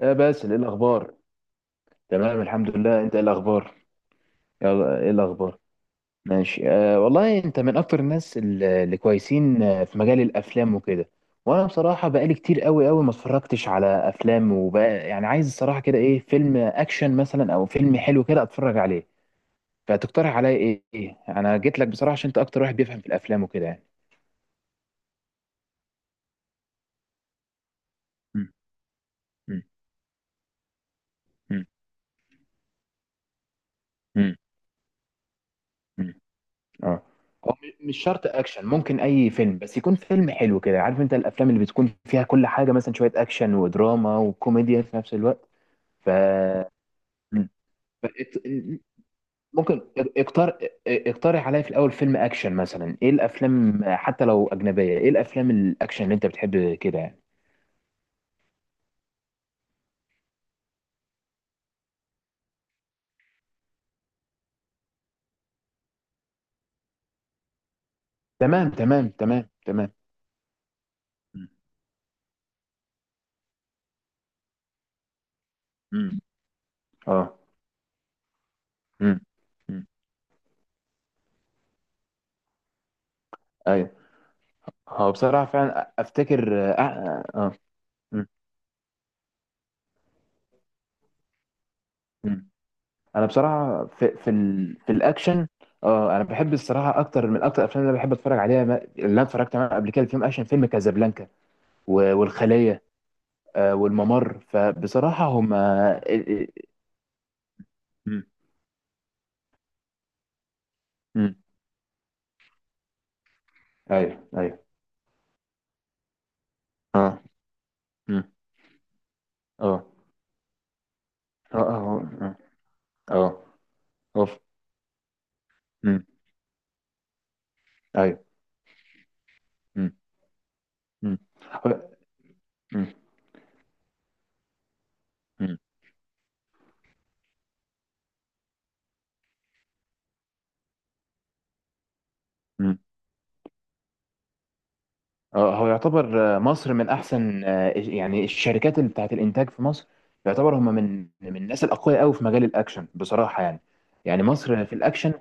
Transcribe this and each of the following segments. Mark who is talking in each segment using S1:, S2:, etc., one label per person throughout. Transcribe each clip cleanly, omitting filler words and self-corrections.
S1: يا باسل، ايه الاخبار؟ تمام، الحمد لله. انت ايه الاخبار؟ يلا، ايه الاخبار؟ ماشي. والله انت من اكتر الناس اللي كويسين، في مجال الافلام وكده. وانا بصراحه بقالي كتير قوي قوي ما اتفرجتش على افلام، وبقى يعني عايز الصراحه كده ايه؟ فيلم اكشن مثلا او فيلم حلو كده اتفرج عليه. فتقترح عليا ايه انا جيت لك بصراحه عشان انت اكتر واحد بيفهم في الافلام وكده يعني. مم، مم، مم، مم، مم. اه. هو مش شرط اكشن، ممكن اي فيلم بس يكون فيلم حلو كده. عارف انت الافلام اللي بتكون فيها كل حاجه، مثلا شويه اكشن ودراما وكوميديا في نفس الوقت. ف مم. ف- ات- ممكن اقترح اقترح عليا في الاول فيلم اكشن مثلا. ايه الافلام حتى لو اجنبيه؟ ايه الافلام الاكشن اللي انت بتحب كده يعني؟ تمام، تمام، تمام، تمام. مم. مم. اه. مم. مم. ايوه. هو بصراحه فعلا افتكر. مم. مم. انا بصراحه في في الاكشن. اه، انا بحب الصراحه اكتر. من اكتر الافلام اللي أنا بحب اتفرج عليها، اللي انا اتفرجت عليها قبل كده، فيلم اكشن، فيلم كازابلانكا. والخليه. والممر، فبصراحه هم. ايوه، ايوه. اه. مم. اه، اه، اه، اه، اه. آه. أوف. مم. ايوه. مم. مم. هو- مم. مم. هو يعتبر مصر من احسن، يعني الشركات اللي بتاعت الانتاج في مصر. يعتبر هم من الناس الاقوياء قوي في مجال الاكشن بصراحه يعني. يعني مصر في الاكشن.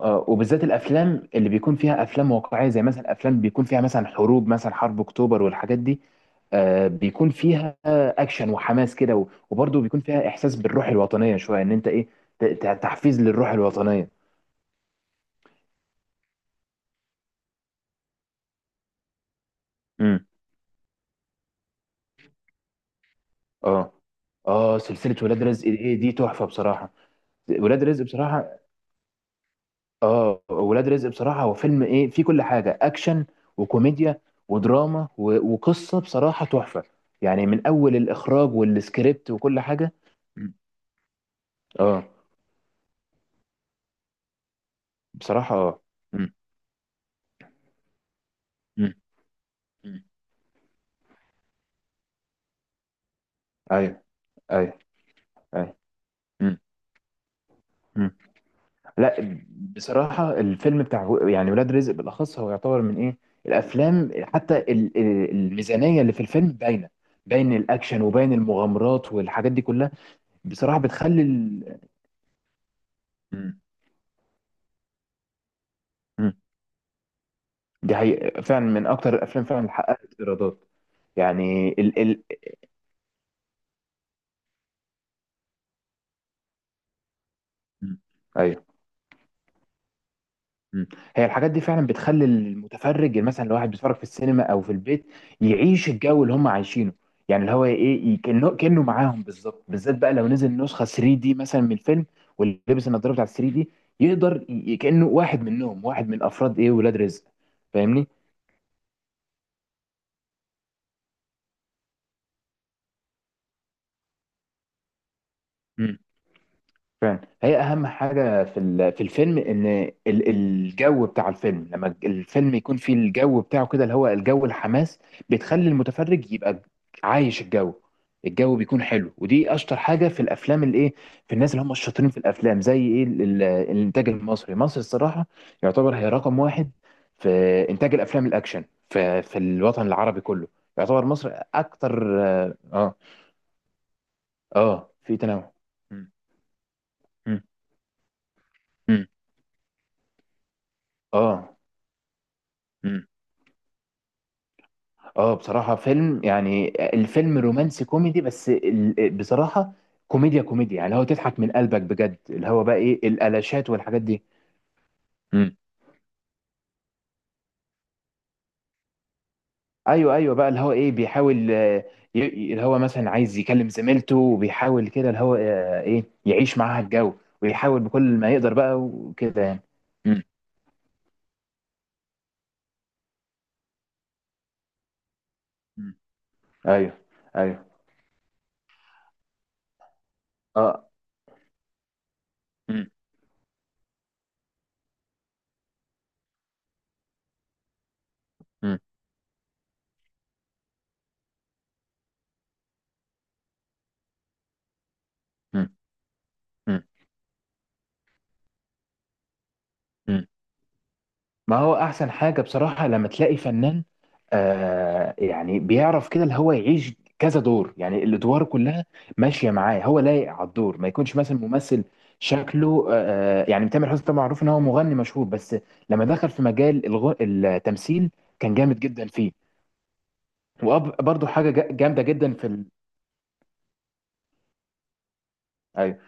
S1: وبالذات الافلام اللي بيكون فيها افلام واقعيه، زي مثلا افلام بيكون فيها مثلا حروب، مثلا حرب اكتوبر والحاجات دي. بيكون فيها اكشن وحماس كده، وبرضه بيكون فيها احساس بالروح الوطنيه شويه، ان انت ايه؟ تحفيز للروح الوطنيه. امم. اه، اه، سلسله ولاد رزق، ايه دي؟ تحفه بصراحه. ولاد رزق بصراحه. اه، ولاد رزق بصراحة هو فيلم ايه؟ فيه كل حاجة، اكشن وكوميديا ودراما، وقصة بصراحة تحفة. يعني من اول الاخراج والسكريبت وكل حاجة. مم. اه، بصراحة، اه. مم. مم. مم. ايوه، ايوه. ايوه. مم. مم. لا. بصراحة الفيلم بتاع يعني ولاد رزق بالاخص هو يعتبر من ايه؟ الافلام، حتى الميزانية اللي في الفيلم باينة. باين الاكشن وباين المغامرات والحاجات دي كلها. بصراحة بتخلي. مم. دي حقيقة، فعلا من أكتر الأفلام فعلا اللي حققت إيرادات. يعني ال ال م. أيوه. م. هي الحاجات دي فعلا بتخلي المتفرج. يعني مثلا لو واحد بيتفرج في السينما أو في البيت، يعيش الجو اللي هم عايشينه. يعني اللي هو إيه؟ كأنه معاهم بالظبط، بالذات بقى لو نزل نسخة 3 دي مثلا من الفيلم، ولبس النضارة بتاعت 3 دي، يقدر كأنه واحد منهم، واحد من أفراد إيه، ولاد رزق. فاهمني؟ فعلا هي اهم حاجه في الفيلم ان الجو بتاع الفيلم. لما الفيلم يكون فيه الجو بتاعه كده، اللي هو الجو الحماس، بتخلي المتفرج يبقى عايش الجو. الجو بيكون حلو، ودي اشطر حاجه في الافلام الايه. في الناس اللي هم الشاطرين في الافلام، زي ايه، الانتاج المصري، مصر الصراحه. يعتبر هي رقم واحد في انتاج الافلام الاكشن في الوطن العربي كله. يعتبر مصر اكتر، اه، اه. في تنوع. م- م- م. اه. اه، بصراحة فيلم، يعني الفيلم رومانسي كوميدي بس، بصراحة كوميديا كوميديا، يعني اللي هو تضحك من قلبك بجد، اللي هو بقى ايه الالاشات والحاجات دي. مم. ايوه، ايوه بقى، اللي هو ايه، بيحاول اللي هو مثلا عايز يكلم زميلته، وبيحاول كده اللي هو ايه، يعيش معاها الجو، ويحاول بكل ما يقدر بقى وكده يعني. مم. مم. ايوه، ايوه. اه. مم. مم. مم. مم. ما هو احسن حاجه بصراحه لما تلاقي فنان، يعني بيعرف كده اللي هو يعيش كذا دور. يعني الادوار كلها ماشيه معاه، هو لايق على الدور، ما يكونش مثلا ممثل شكله. يعني تامر حسني طبعا معروف ان هو مغني مشهور، بس لما دخل في مجال التمثيل كان جامد جدا فيه. وبرضه حاجه جامده جدا. ايوه،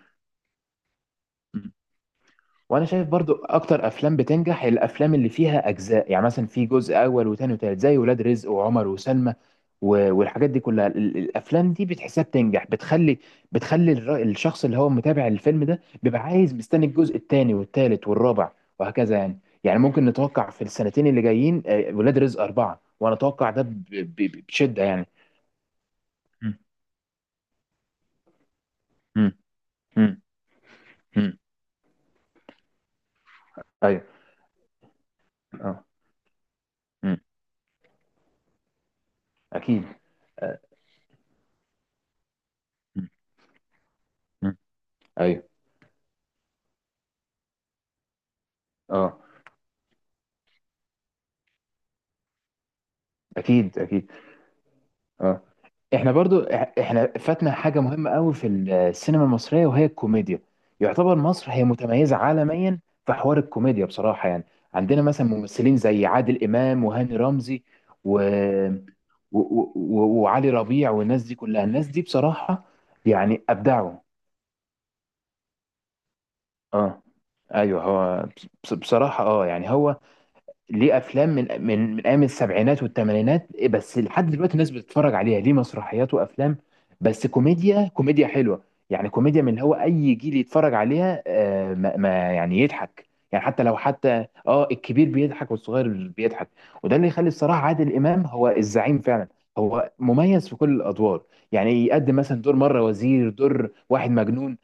S1: وانا شايف برضو اكتر افلام بتنجح الافلام اللي فيها اجزاء. يعني مثلا في جزء اول وتاني وتالت زي ولاد رزق وعمر وسلمى، والحاجات دي كلها، الافلام دي بتحسها بتنجح، بتخلي بتخلي الشخص اللي هو متابع الفيلم ده بيبقى عايز، مستني الجزء التاني والتالت والرابع وهكذا يعني ممكن نتوقع في السنتين اللي جايين ولاد رزق أربعة، وانا اتوقع ده بشدة يعني. مم. مم. مم. مم. ايوه. اه. مم. اكيد. آه. مم. مم. ايوه. اه. اكيد، اكيد. اه. احنا برضو، احنا فاتنا حاجه مهمه قوي في السينما المصريه، وهي الكوميديا. يعتبر مصر هي متميزه عالميا في حوار الكوميديا بصراحه يعني. عندنا مثلا ممثلين زي عادل امام وهاني رمزي و... و... وعلي ربيع، والناس دي كلها، الناس دي بصراحه يعني ابدعوا. اه. ايوه. هو بصراحه، يعني هو ليه افلام من ايام السبعينات والثمانينات، بس لحد دلوقتي الناس بتتفرج عليها. ليه مسرحيات وافلام، بس كوميديا كوميديا حلوه. يعني كوميديا من اللي هو اي جيل يتفرج عليها، ما يعني يضحك، يعني حتى لو حتى اه الكبير بيضحك والصغير بيضحك. وده اللي يخلي الصراحه عادل امام هو الزعيم فعلا. هو مميز في كل الادوار، يعني يقدم مثلا دور مره وزير، دور واحد مجنون.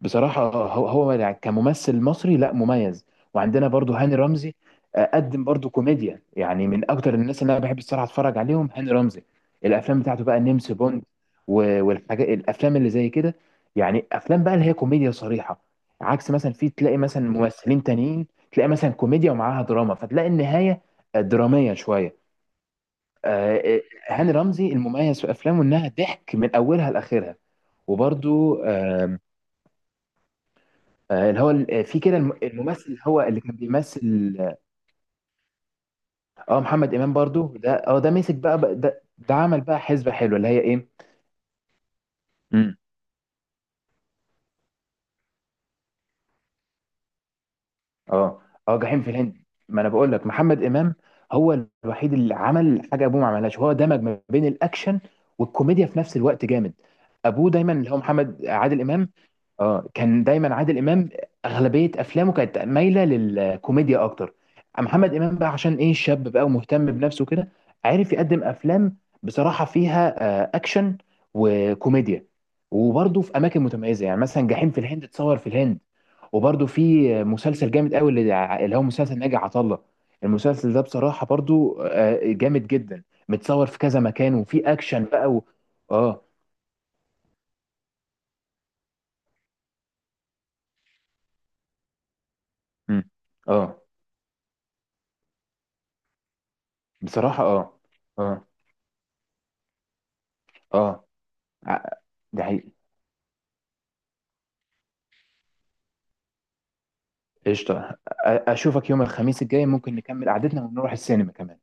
S1: بصراحة هو يعني كممثل مصري، لا مميز. وعندنا برضو هاني رمزي. قدم برضو كوميديا. يعني من أكتر الناس اللي أنا بحب الصراحة أتفرج عليهم هاني رمزي. الأفلام بتاعته بقى نمس بوند والحاجات، الأفلام اللي زي كده. يعني أفلام بقى اللي هي كوميديا صريحة، عكس مثلا في تلاقي مثلا ممثلين تانيين، تلاقي مثلا كوميديا ومعاها دراما فتلاقي النهاية درامية شوية. آه، آه، هاني رمزي المميز في أفلامه إنها ضحك من أولها لآخرها. وبرضو اللي هو في كده الممثل اللي هو اللي كان بيمثل، اه، محمد امام برضو ده، اه، ده مسك بقى ده عمل بقى حسبة حلوة اللي هي ايه؟ مم. اه، اه، جحيم في الهند. ما انا بقول لك محمد امام هو الوحيد اللي عمل حاجه ابوه ما عملهاش، هو دمج ما بين الاكشن والكوميديا في نفس الوقت جامد. ابوه دايما اللي هو محمد عادل امام، اه، كان دايما عادل امام اغلبيه افلامه كانت مايله للكوميديا اكتر. محمد امام بقى عشان ايه شاب بقى ومهتم بنفسه كده، عارف يقدم افلام بصراحه فيها اكشن وكوميديا، وبرضه في اماكن متميزه. يعني مثلا جحيم في الهند اتصور في الهند. وبرده في مسلسل جامد قوي، اللي هو مسلسل ناجي عطا الله. المسلسل ده بصراحة برده جامد جدا، متصور في كذا مكان وفي اكشن بقى. اه. مم. اه، بصراحة، اه، اه، اه. ع- ده حقيقي. قشطة، اشوفك يوم الخميس الجاي. ممكن نكمل قعدتنا ونروح السينما كمان.